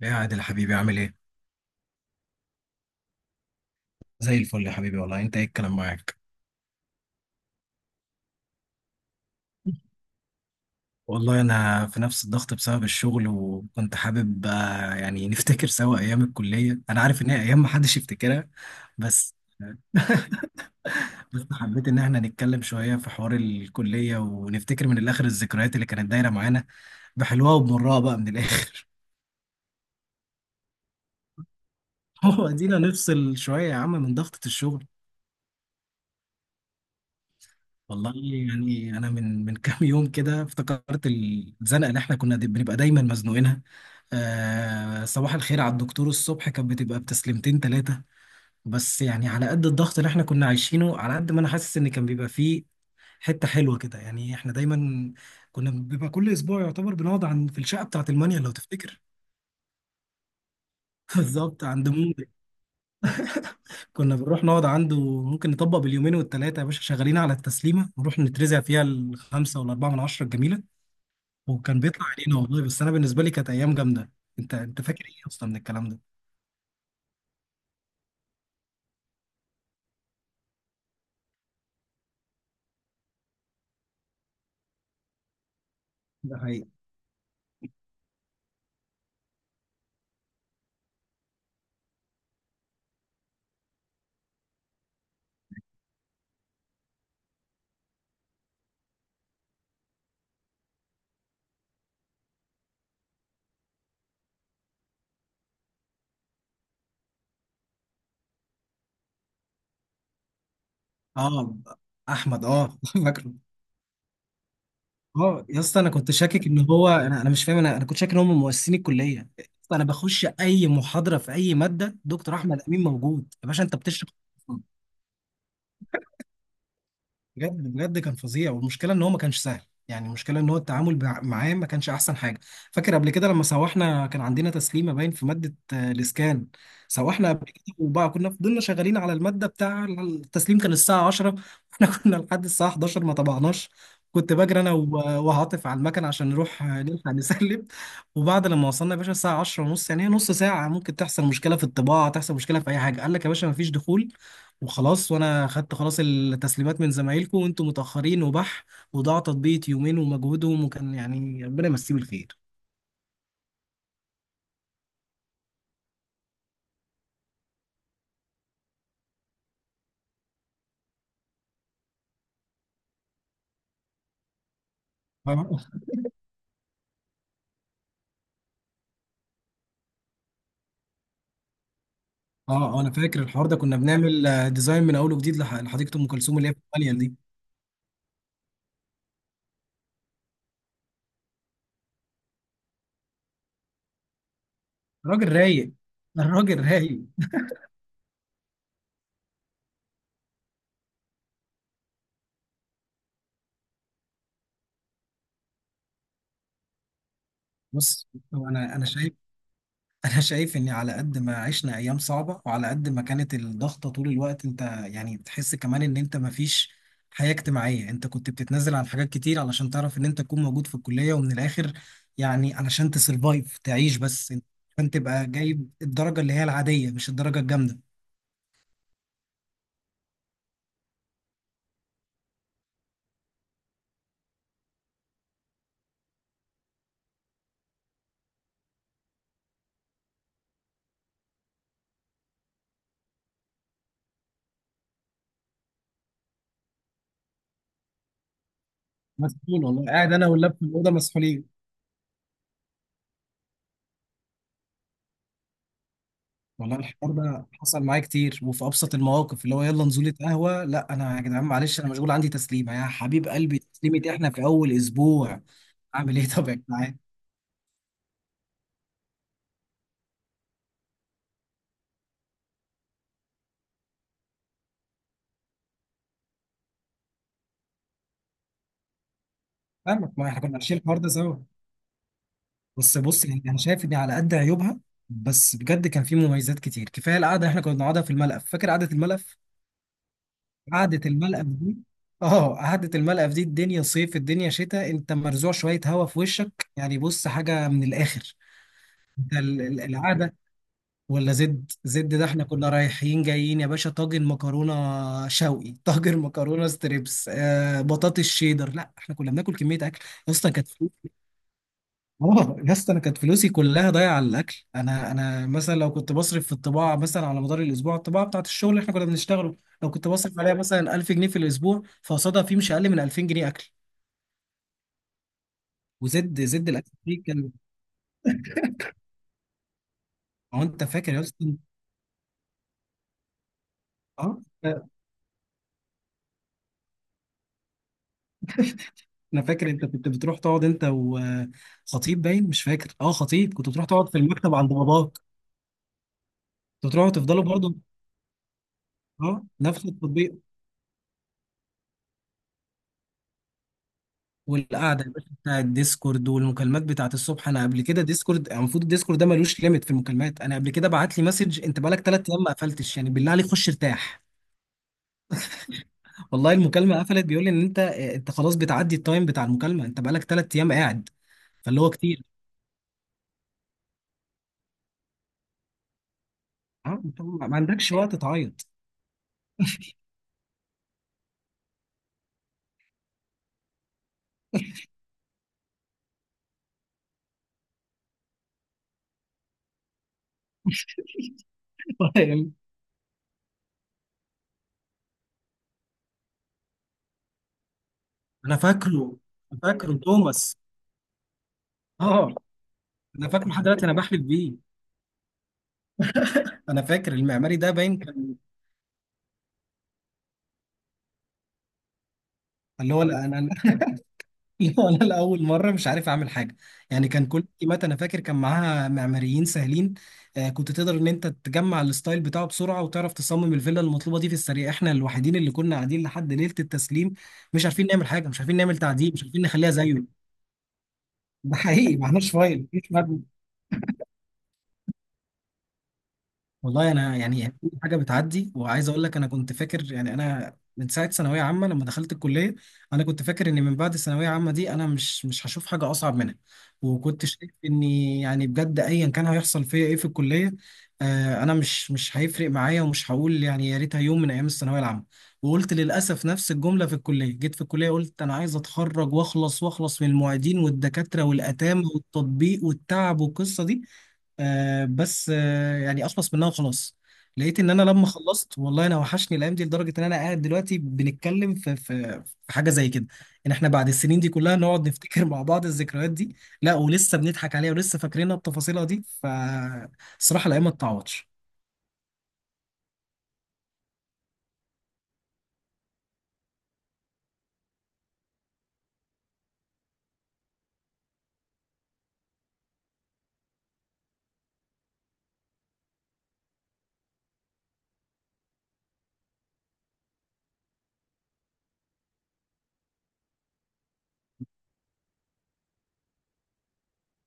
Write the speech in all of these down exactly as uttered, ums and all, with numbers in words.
يا عادل حبيبي، عامل ايه؟ زي الفل يا حبيبي، والله انت ايه الكلام معاك؟ والله انا في نفس الضغط بسبب الشغل، وكنت حابب آه، يعني نفتكر سوا ايام الكلية. انا عارف ان هي ايام محدش يفتكرها، بس بس حبيت ان احنا نتكلم شوية في حوار الكلية ونفتكر من الاخر الذكريات اللي كانت دايرة معانا، بحلوها وبمرها بقى من الاخر. هو ادينا نفصل شوية يا عم من ضغطة الشغل. والله يعني انا من من كام يوم كده افتكرت الزنقه اللي احنا كنا دي بنبقى دايما مزنوقينها. آه، صباح الخير على الدكتور الصبح كانت بتبقى بتسليمتين ثلاثه، بس يعني على قد الضغط اللي احنا كنا عايشينه، على قد ما انا حاسس ان كان بيبقى فيه حته حلوه كده. يعني احنا دايما كنا بيبقى كل اسبوع يعتبر بنقعد عن في الشقه بتاعه المانيا لو تفتكر. بالظبط، عند مودك كنا بنروح نقعد عنده. ممكن نطبق باليومين والثلاثه يا باشا شغالين على التسليمه، نروح نترزع فيها الخمسه والاربعه من عشره الجميله. وكان بيطلع علينا والله، بس انا بالنسبه لي كانت ايام جامده. انت انت فاكر ايه اصلا من الكلام ده؟ ده حقيقي. اه، احمد، اه. فاكره. اه يا اسطى، انا كنت شاكك ان هو انا انا مش فاهم، انا انا كنت شاكك ان هم مؤسسين الكليه. انا بخش اي محاضره في اي ماده دكتور احمد امين موجود، يا باشا انت بتشرح. بجد بجد كان فظيع، والمشكله ان هو ما كانش سهل. يعني المشكله ان هو التعامل بع- معاه ما كانش احسن حاجه. فاكر قبل كده لما سوحنا كان عندنا تسليمه باين في ماده، آه، الاسكان. سوحنا قبل كده، وبقى كنا فضلنا شغالين على الماده بتاع التسليم كان الساعه عشرة، واحنا كنا لحد الساعه حداشر ما طبعناش. كنت بجري انا و- وعاطف على المكن عشان نروح آه، نلحق نسلم. وبعد لما وصلنا يا باشا الساعه عشرة ونص، يعني هي نص ساعه ممكن تحصل مشكله في الطباعه، تحصل مشكله في اي حاجه، قال لك يا باشا ما فيش دخول. وخلاص، وانا خدت خلاص التسليمات من زمايلكم وانتم متاخرين وبح. وضاع تطبيق يومين ومجهودهم، وكان يعني ربنا يمسيه بالخير. اه آه، انا فاكر الحوار ده، كنا بنعمل آه، ديزاين من اول وجديد لح- لحديقه ام كلثوم اللي هي في الماليا دي. راجل رايق، الراجل رايق. بص، هو انا انا شايف انا شايف ان على قد ما عشنا ايام صعبه، وعلى قد ما كانت الضغطه طول الوقت انت يعني بتحس كمان ان انت مفيش حياه اجتماعيه. انت كنت بتتنازل عن حاجات كتير علشان تعرف ان انت تكون موجود في الكليه، ومن الاخر يعني علشان تسرفايف تعيش. بس انت عشان تبقى جايب الدرجه اللي هي العاديه، مش الدرجه الجامده. مسحول والله، قاعد انا واللاب في الاوضه مسحولين. والله الحوار ده حصل معايا كتير، وفي ابسط المواقف اللي هو يلا نزوله قهوه، لا انا يا جدعان معلش، انا مشغول عندي تسليمه. يا حبيب قلبي، تسليمه؟ احنا في اول اسبوع! اعمل ايه؟ طب يا جدعان. فاهمك، ما احنا كنا عايشين الحوار ده سوا. بس بص يعني انا شايف ان على قد عيوبها، بس بجد كان في مميزات كتير. كفايه القعده احنا كنا بنقعدها في الملقف. فاكر قعده الملقف؟ قعده الملقف دي، اه قعده الملقف دي، الدنيا صيف الدنيا شتاء، انت مرزوع شويه هوا في وشك، يعني بص حاجه من الاخر. ده ال- ال- القعده. ولا زد زد، ده احنا كنا رايحين جايين يا باشا، طاجن مكرونه شوقي، طاجن مكرونه ستريبس، آه بطاطس شيدر، لا احنا كنا بناكل كميه اكل اصلا كانت. اه يا اسطى، انا كانت فلوسي كلها ضايعه على الاكل. انا انا مثلا لو كنت بصرف في الطباعه، مثلا على مدار الاسبوع الطباعه بتاعت الشغل اللي احنا كنا بنشتغله، لو كنت بصرف عليها مثلا ألف جنيه في الاسبوع، فقصادها في مش اقل من ألفين جنيه اكل. وزد زد الاكل فيه كان. هو انت فاكر يا اسطى؟ اه انا فاكر، انت كنت بتروح تقعد انت وخطيب، باين مش فاكر، اه خطيب، كنت بتروح تقعد في المكتب عند باباك. كنت بتروحوا تفضلوا برضه، اه نفس التطبيق. والقعده يا باشا بتاع الديسكورد، والمكالمات بتاعت الصبح. انا قبل كده ديسكورد، المفروض الديسكورد ده ملوش ليميت في المكالمات. انا قبل كده بعت لي مسج: انت بقالك ثلاث ايام ما قفلتش، يعني بالله عليك خش ارتاح. والله المكالمه قفلت بيقول لي ان انت آه، انت خلاص بتعدي التايم بتاع المكالمه، انت بقالك ثلاث ايام قاعد. فاللي هو كتير. ها، أنت ما ما عندكش وقت تعيط؟ فاهم؟ انا فاكره أنا فاكره توماس. اه انا فاكره لحد دلوقتي، انا بحلف بيه. انا فاكر المعماري ده باين كان اللي هو انا. لا انا لاول مره مش عارف اعمل حاجه، يعني كان كل التيمات انا فاكر كان معاها معماريين سهلين. آه كنت تقدر ان انت تجمع الستايل بتاعه بسرعه، وتعرف تصمم الفيلا المطلوبه دي في السريع. احنا الوحيدين اللي كنا قاعدين لحد ليله التسليم مش عارفين نعمل حاجه، مش عارفين نعمل تعديل، مش عارفين نخليها زيه. ده حقيقي، ما احناش فايل، مفيش. والله انا يعني يعني كل حاجه بتعدي، وعايز اقول لك انا كنت فاكر يعني انا من ساعه ثانويه عامه لما دخلت الكليه، انا كنت فاكر ان من بعد الثانويه عامه دي انا مش مش هشوف حاجه اصعب منها، وكنت شايف اني يعني بجد ايا كان هيحصل فيا ايه في الكليه، آه انا مش مش هيفرق معايا، ومش هقول يعني يا ريتها يوم من ايام الثانويه العامه. وقلت للاسف نفس الجمله في الكليه، جيت في الكليه قلت انا عايز اتخرج واخلص، واخلص من المعيدين والدكاتره والاتام والتطبيق والتعب والقصه دي. آه بس آه يعني اخلص منها وخلاص. لقيت ان انا لما خلصت والله انا وحشني الايام دي، لدرجه ان انا قاعد دلوقتي بنتكلم في في في حاجه زي كده، ان احنا بعد السنين دي كلها نقعد نفتكر مع بعض الذكريات دي، لا ولسه بنضحك عليها، ولسه فاكرينها بتفاصيلها دي. فالصراحه الايام ما تتعوضش.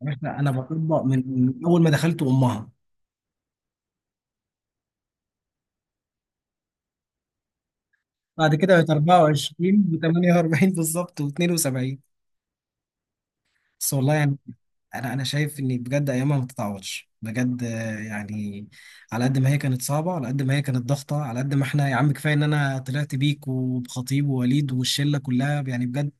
يعني احنا انا بطبق من من اول ما دخلت امها، بعد كده بقت أربع وعشرين و48 بالظبط و72. بس والله يعني انا انا شايف ان بجد ايامها ما تتعوضش بجد، آه، يعني على قد ما هي كانت صعبه، على قد ما هي كانت ضغطه، على قد ما احنا يا عم كفايه ان انا طلعت بيك وبخطيب ووليد والشله كلها يعني بجد.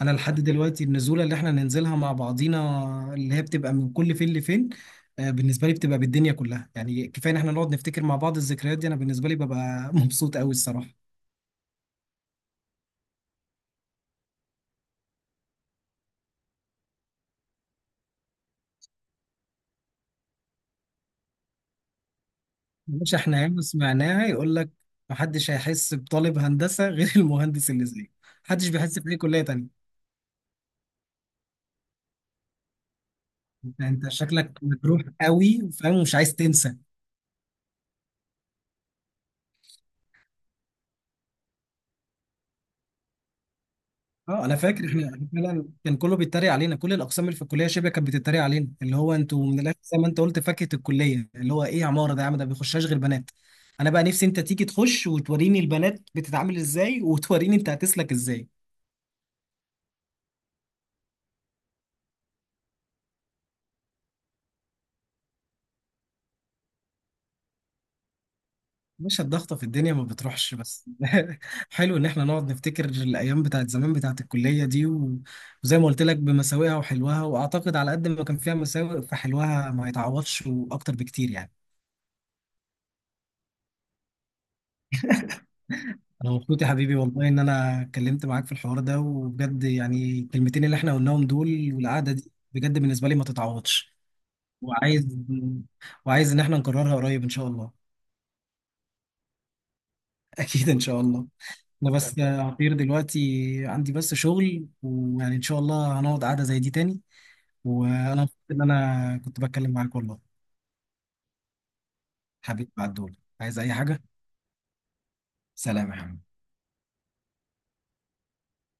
انا لحد دلوقتي النزوله اللي احنا ننزلها مع بعضينا، اللي هي بتبقى من كل فين لفين، آه، بالنسبه لي بتبقى بالدنيا كلها. يعني كفايه ان احنا نقعد نفتكر مع بعض الذكريات دي. انا بالنسبه لي ببقى مبسوط قوي الصراحه. مش احنا ياما سمعناها يقول لك محدش هيحس بطالب هندسة غير المهندس اللي زيه، محدش بيحس بأي كلية تانية. انت أنت شكلك مجروح قوي فاهم، ومش عايز تنسى. اه انا فاكر احنا، إحنا فعلا كان كله بيتريق علينا، كل الاقسام اللي في الكليه شبه كانت بتتريق علينا، اللي هو انتوا من الاخر زي ما انت قلت فاكهه الكليه، اللي هو ايه يا عماره ده، يا عم ده ما بيخشهاش غير بنات. انا بقى نفسي انت تيجي تخش وتوريني البنات بتتعامل ازاي، وتوريني انت هتسلك ازاي. مش الضغطة في الدنيا ما بتروحش بس. حلو إن إحنا نقعد نفتكر الأيام بتاعت زمان بتاعت الكلية دي، و- وزي ما قلت لك بمساوئها وحلوها، وأعتقد على قد ما كان فيها مساوئ فحلوها ما يتعوضش وأكتر بكتير يعني. أنا مبسوط يا حبيبي والله إن أنا اتكلمت معاك في الحوار ده، وبجد يعني الكلمتين اللي إحنا قلناهم دول والقعدة دي بجد بالنسبة لي ما تتعوضش، وعايز وعايز إن إحنا نكررها قريب إن شاء الله. أكيد إن شاء الله. انا بس يا عبير دلوقتي عندي بس شغل، ويعني ان شاء الله هنقعد قعدة زي دي تاني. وانا مبسوط ان انا كنت بتكلم معاك والله. حبيبي بعد دول عايز اي حاجة؟ سلام يا حبيبي.